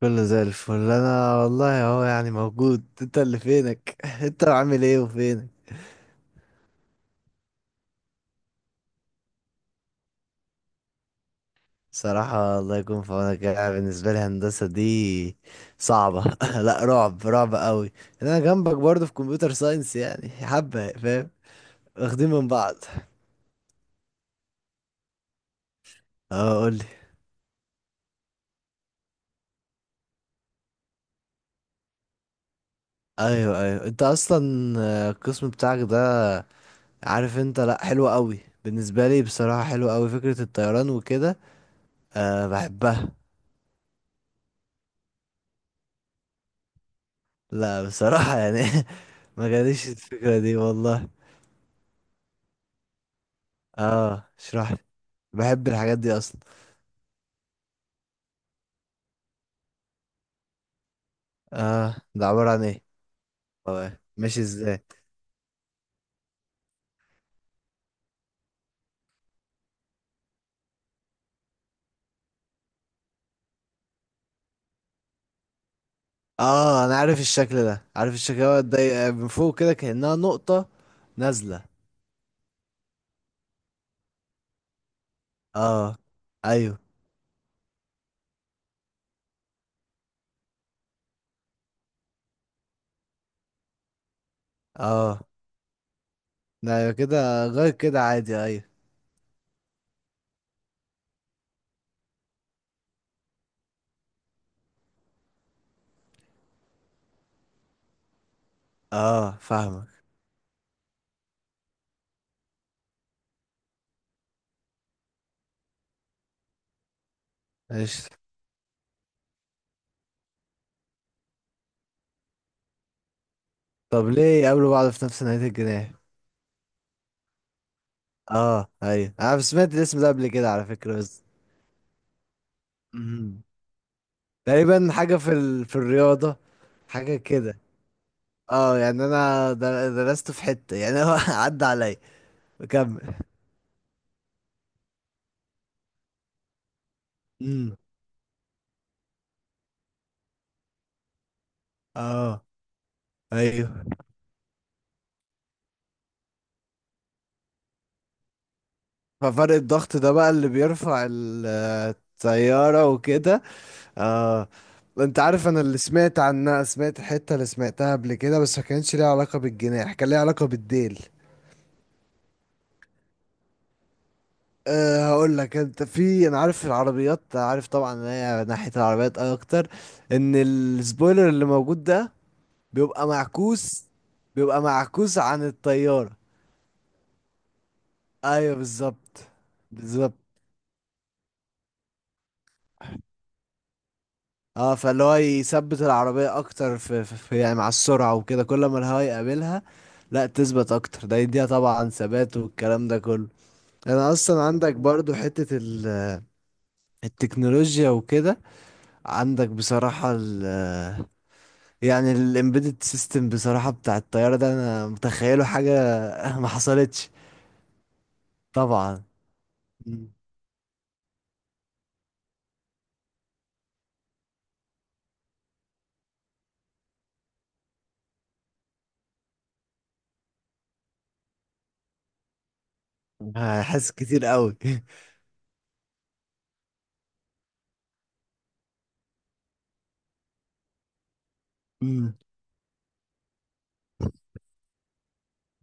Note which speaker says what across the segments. Speaker 1: كله زي الفل. انا والله اهو يعني موجود، انت اللي فينك. انت عامل ايه وفينك؟ صراحة الله يكون في عونك، يعني بالنسبة لي هندسة دي صعبة. لا رعب، رعب قوي. انا جنبك برضه في كمبيوتر ساينس، يعني حبة فاهم. واخدين من بعض. اه قولي. ايوه ايوه، انت اصلا القسم بتاعك ده، عارف انت؟ لا حلو قوي، بالنسبة لي بصراحة حلو قوي فكرة الطيران وكده. أه بحبها. لا بصراحة يعني ما جاليش الفكرة دي والله. اه اشرح لي، بحب الحاجات دي اصلا. اه ده عبارة عن ايه؟ اه ماشي، ازاي؟ اه انا عارف الشكل ده، عارف الشكل ده، ده من فوق كده كأنها نقطة نازلة. اه ايوه. اه لا، ايوه كده، غير كده عادي، ايوه. اه فاهمك. ايش؟ طب ليه يقابلوا بعض في نفس نهاية الجناح؟ اه ايوه، انا سمعت الاسم ده قبل كده على فكرة. بس تقريبا حاجة في ال... في الرياضة، حاجة كده. اه يعني انا درست في حتة يعني هو عدى عليا. بكمل. امم. اه ايوه. ففرق الضغط ده بقى اللي بيرفع ال- الطيارة وكده. اه. انت عارف، انا اللي سمعت عنها، سمعت الحتة اللي سمعتها قبل كده، بس ما كانش ليها علاقة بالجناح، كان ليها علاقة بالديل. أه هقول لك. انت في، انا عارف العربيات، عارف طبعا ان هي ناحية العربيات اكتر. ان السبويلر اللي موجود ده بيبقى معكوس، بيبقى معكوس عن الطيارة. ايوه بالظبط. بالظبط. اه فاللي هو يثبت العربية اكتر في يعني مع السرعة وكده كل ما الهواء يقابلها. لا تثبت اكتر، ده يديها طبعا ثبات والكلام ده كله. انا اصلا عندك برضو حتة ال- التكنولوجيا وكده. عندك بصراحة ال يعني الامبيدد سيستم، بصراحة بتاع الطيارة ده انا متخيله حاجة ما حصلتش. طبعا. مم. هحس كتير قوي مم.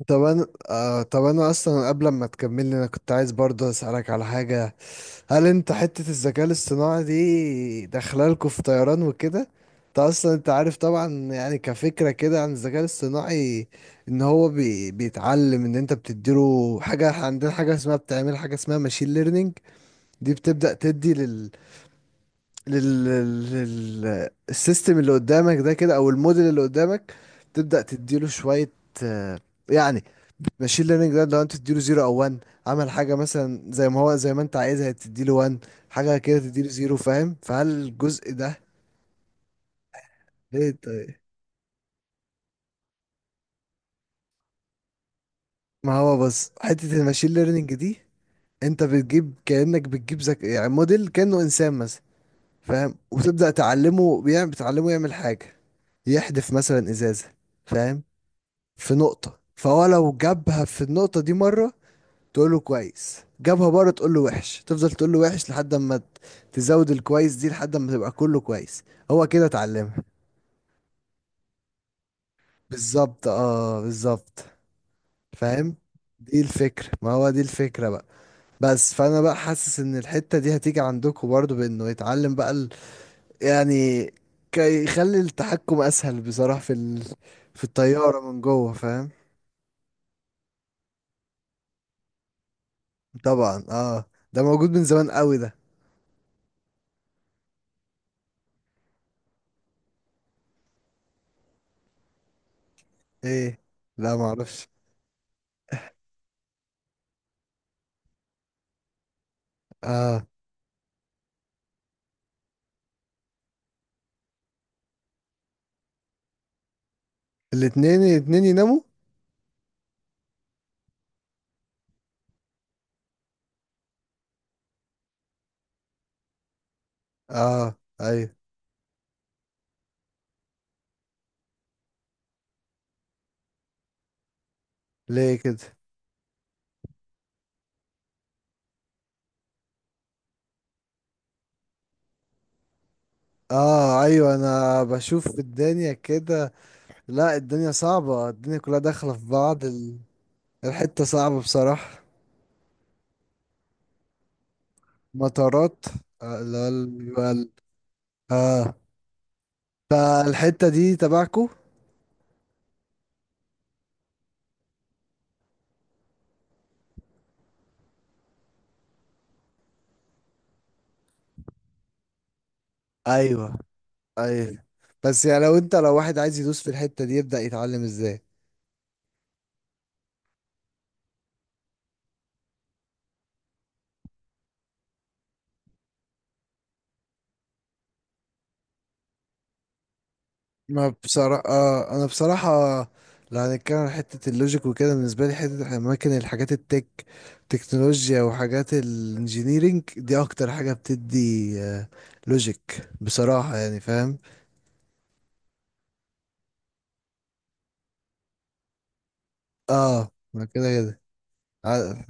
Speaker 1: طب انا طب انا اصلا قبل ما تكملي انا كنت عايز برضه اسالك على حاجه. هل انت حته الذكاء الاصطناعي دي داخله لكم في طيران وكده؟ انت اصلا انت عارف طبعا يعني كفكره كده عن الذكاء الاصطناعي. ان هو بيتعلم ان انت بتديله حاجه. إحنا عندنا حاجه اسمها، بتعمل حاجه اسمها ماشين ليرنينج. دي بتبدا تدي لل لل السيستم اللي قدامك ده كده، او الموديل اللي قدامك. تبدا تديله شويه آه، يعني. ماشين ليرنينج ده لو انت تديله زيرو او 1، عمل حاجه مثلا زي ما هو، زي ما انت عايزها تديله 1، حاجه كده تديله زيرو، فاهم؟ فهل الجزء ده؟ ليه طيب؟ ما هو بص، حته الماشين ليرنينج دي، انت بتجيب كانك بتجيب يعني موديل كانه انسان مثلا، فاهم؟ وتبدا تعلمه، بتعلمه يعمل حاجه، يحدف مثلا ازازه، فاهم؟ في نقطه، فهو لو جابها في النقطه دي مره تقول له كويس، جابها بره تقول له وحش، تفضل تقول له وحش لحد اما تزود الكويس دي لحد اما تبقى كله كويس، هو كده اتعلمها. بالظبط اه، بالظبط. فاهم. دي الفكرة، ما هو دي الفكرة بقى. بس فانا بقى حاسس ان الحتة دي هتيجي عندكم برضو، بانه يتعلم بقى ال... يعني كي يخلي التحكم اسهل بصراحة في ال... في الطيارة من جوه، فاهم؟ طبعا. اه ده موجود من زمان قوي ده. ايه؟ لا معرفش. اه. الاتنين يناموا. اه ايوه. ليه كده؟ اه ايوه انا بشوف الدنيا كده. لا الدنيا صعبة، الدنيا كلها داخلة في بعض ال- الحتة صعبة بصراحة. مطارات. آه لا ال- بيبقى ال- اه. فالحتة دي تبعكو. ايوه ايوه. بس يعني لو انت لو واحد عايز يدوس في الحتة دي يبدأ يتعلم ازاي؟ ما بصراحة أنا بصراحة لو هنتكلم عن حتة اللوجيك وكده، بالنسبة لي حتة أماكن الحاجات التك تكنولوجيا وحاجات الانجينيرينج دي أكتر حاجة بتدي آه، لوجيك بصراحة يعني، فاهم؟ اه ما كده كده. ع-.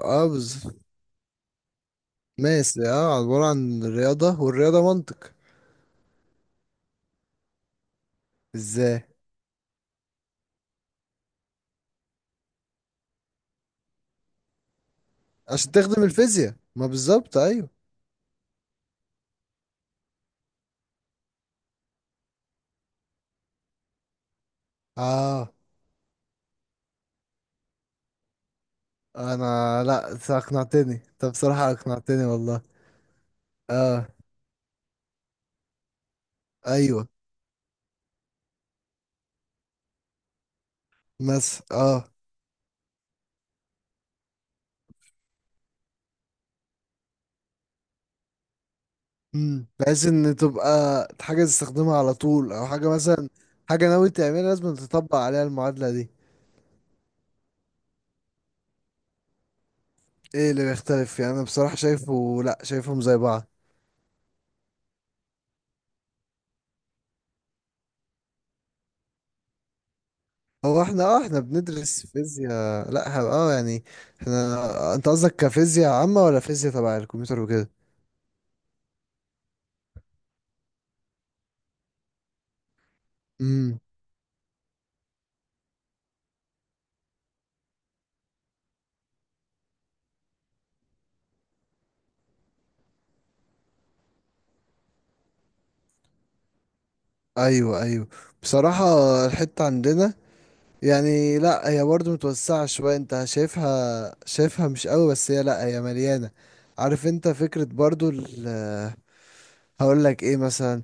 Speaker 1: اه ماشي. اه عبارة عن الرياضة، والرياضة منطق. ازاي؟ عشان تخدم الفيزياء. ما بالظبط ايوه. اه انا، لا أنت اقنعتني، انت بصراحة اقنعتني والله. اه ايوه. مثلا اه. امم. بحيث ان تبقى حاجه تستخدمها على طول، او حاجه مثلا، حاجه ناوي تعملها لازم تطبق عليها المعادله دي. ايه اللي بيختلف يعني؟ انا بصراحه شايفه، لا شايفهم زي بعض. هو احنا بندرس فيزياء لا اه يعني، احنا، انت قصدك كفيزياء عامه ولا فيزياء تبع الكمبيوتر وكده؟ امم. ايوه ايوه بصراحه الحته عندنا يعني، لا هي برضه متوسعة شوية، انت شايفها شايفها مش قوي بس هي، لا هي مليانة. عارف انت فكرة برضه ال، هقول لك ايه مثلا،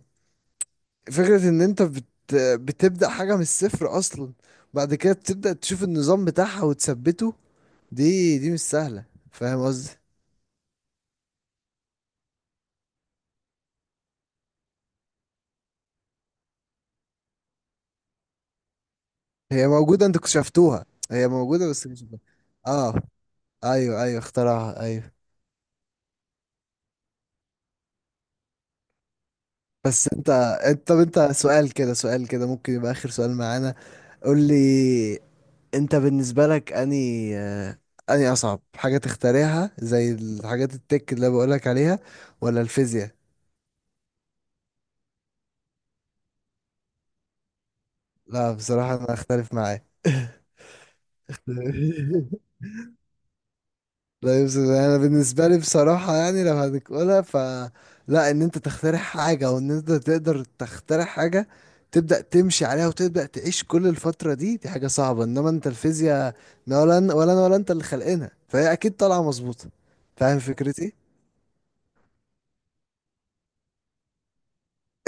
Speaker 1: فكرة ان انت بت بتبدأ حاجة من الصفر اصلا، بعد كده بتبدأ تشوف النظام بتاعها وتثبته، دي مش سهلة. فاهم قصدي؟ هي موجودة انتوا اكتشفتوها، هي موجودة بس اكتشفتوها. اه ايوه ايوه اخترعها ايوه. بس انت، انت طب انت سؤال كده، سؤال كده ممكن يبقى اخر سؤال معانا. قول لي، انت بالنسبة لك اني اني اصعب حاجة تختاريها زي الحاجات التك اللي بقولك عليها، ولا الفيزياء؟ لا بصراحة انا اختلف معاه. لا يوسف، انا بالنسبة لي بصراحة يعني لو هنقولها ف، لا ان انت تخترع حاجة، او ان انت تقدر تخترع حاجة تبدأ تمشي عليها وتبدأ تعيش كل الفترة دي، دي حاجة صعبة. انما انت الفيزياء، لا ولا ولا انا ولا انت اللي خلقنا، فهي اكيد طالعة مظبوطة. فاهم فكرتي؟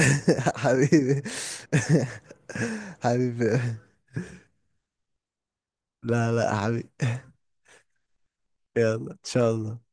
Speaker 1: حبيبي حبيبي. لا لا حبيبي. يلا ان شاء الله.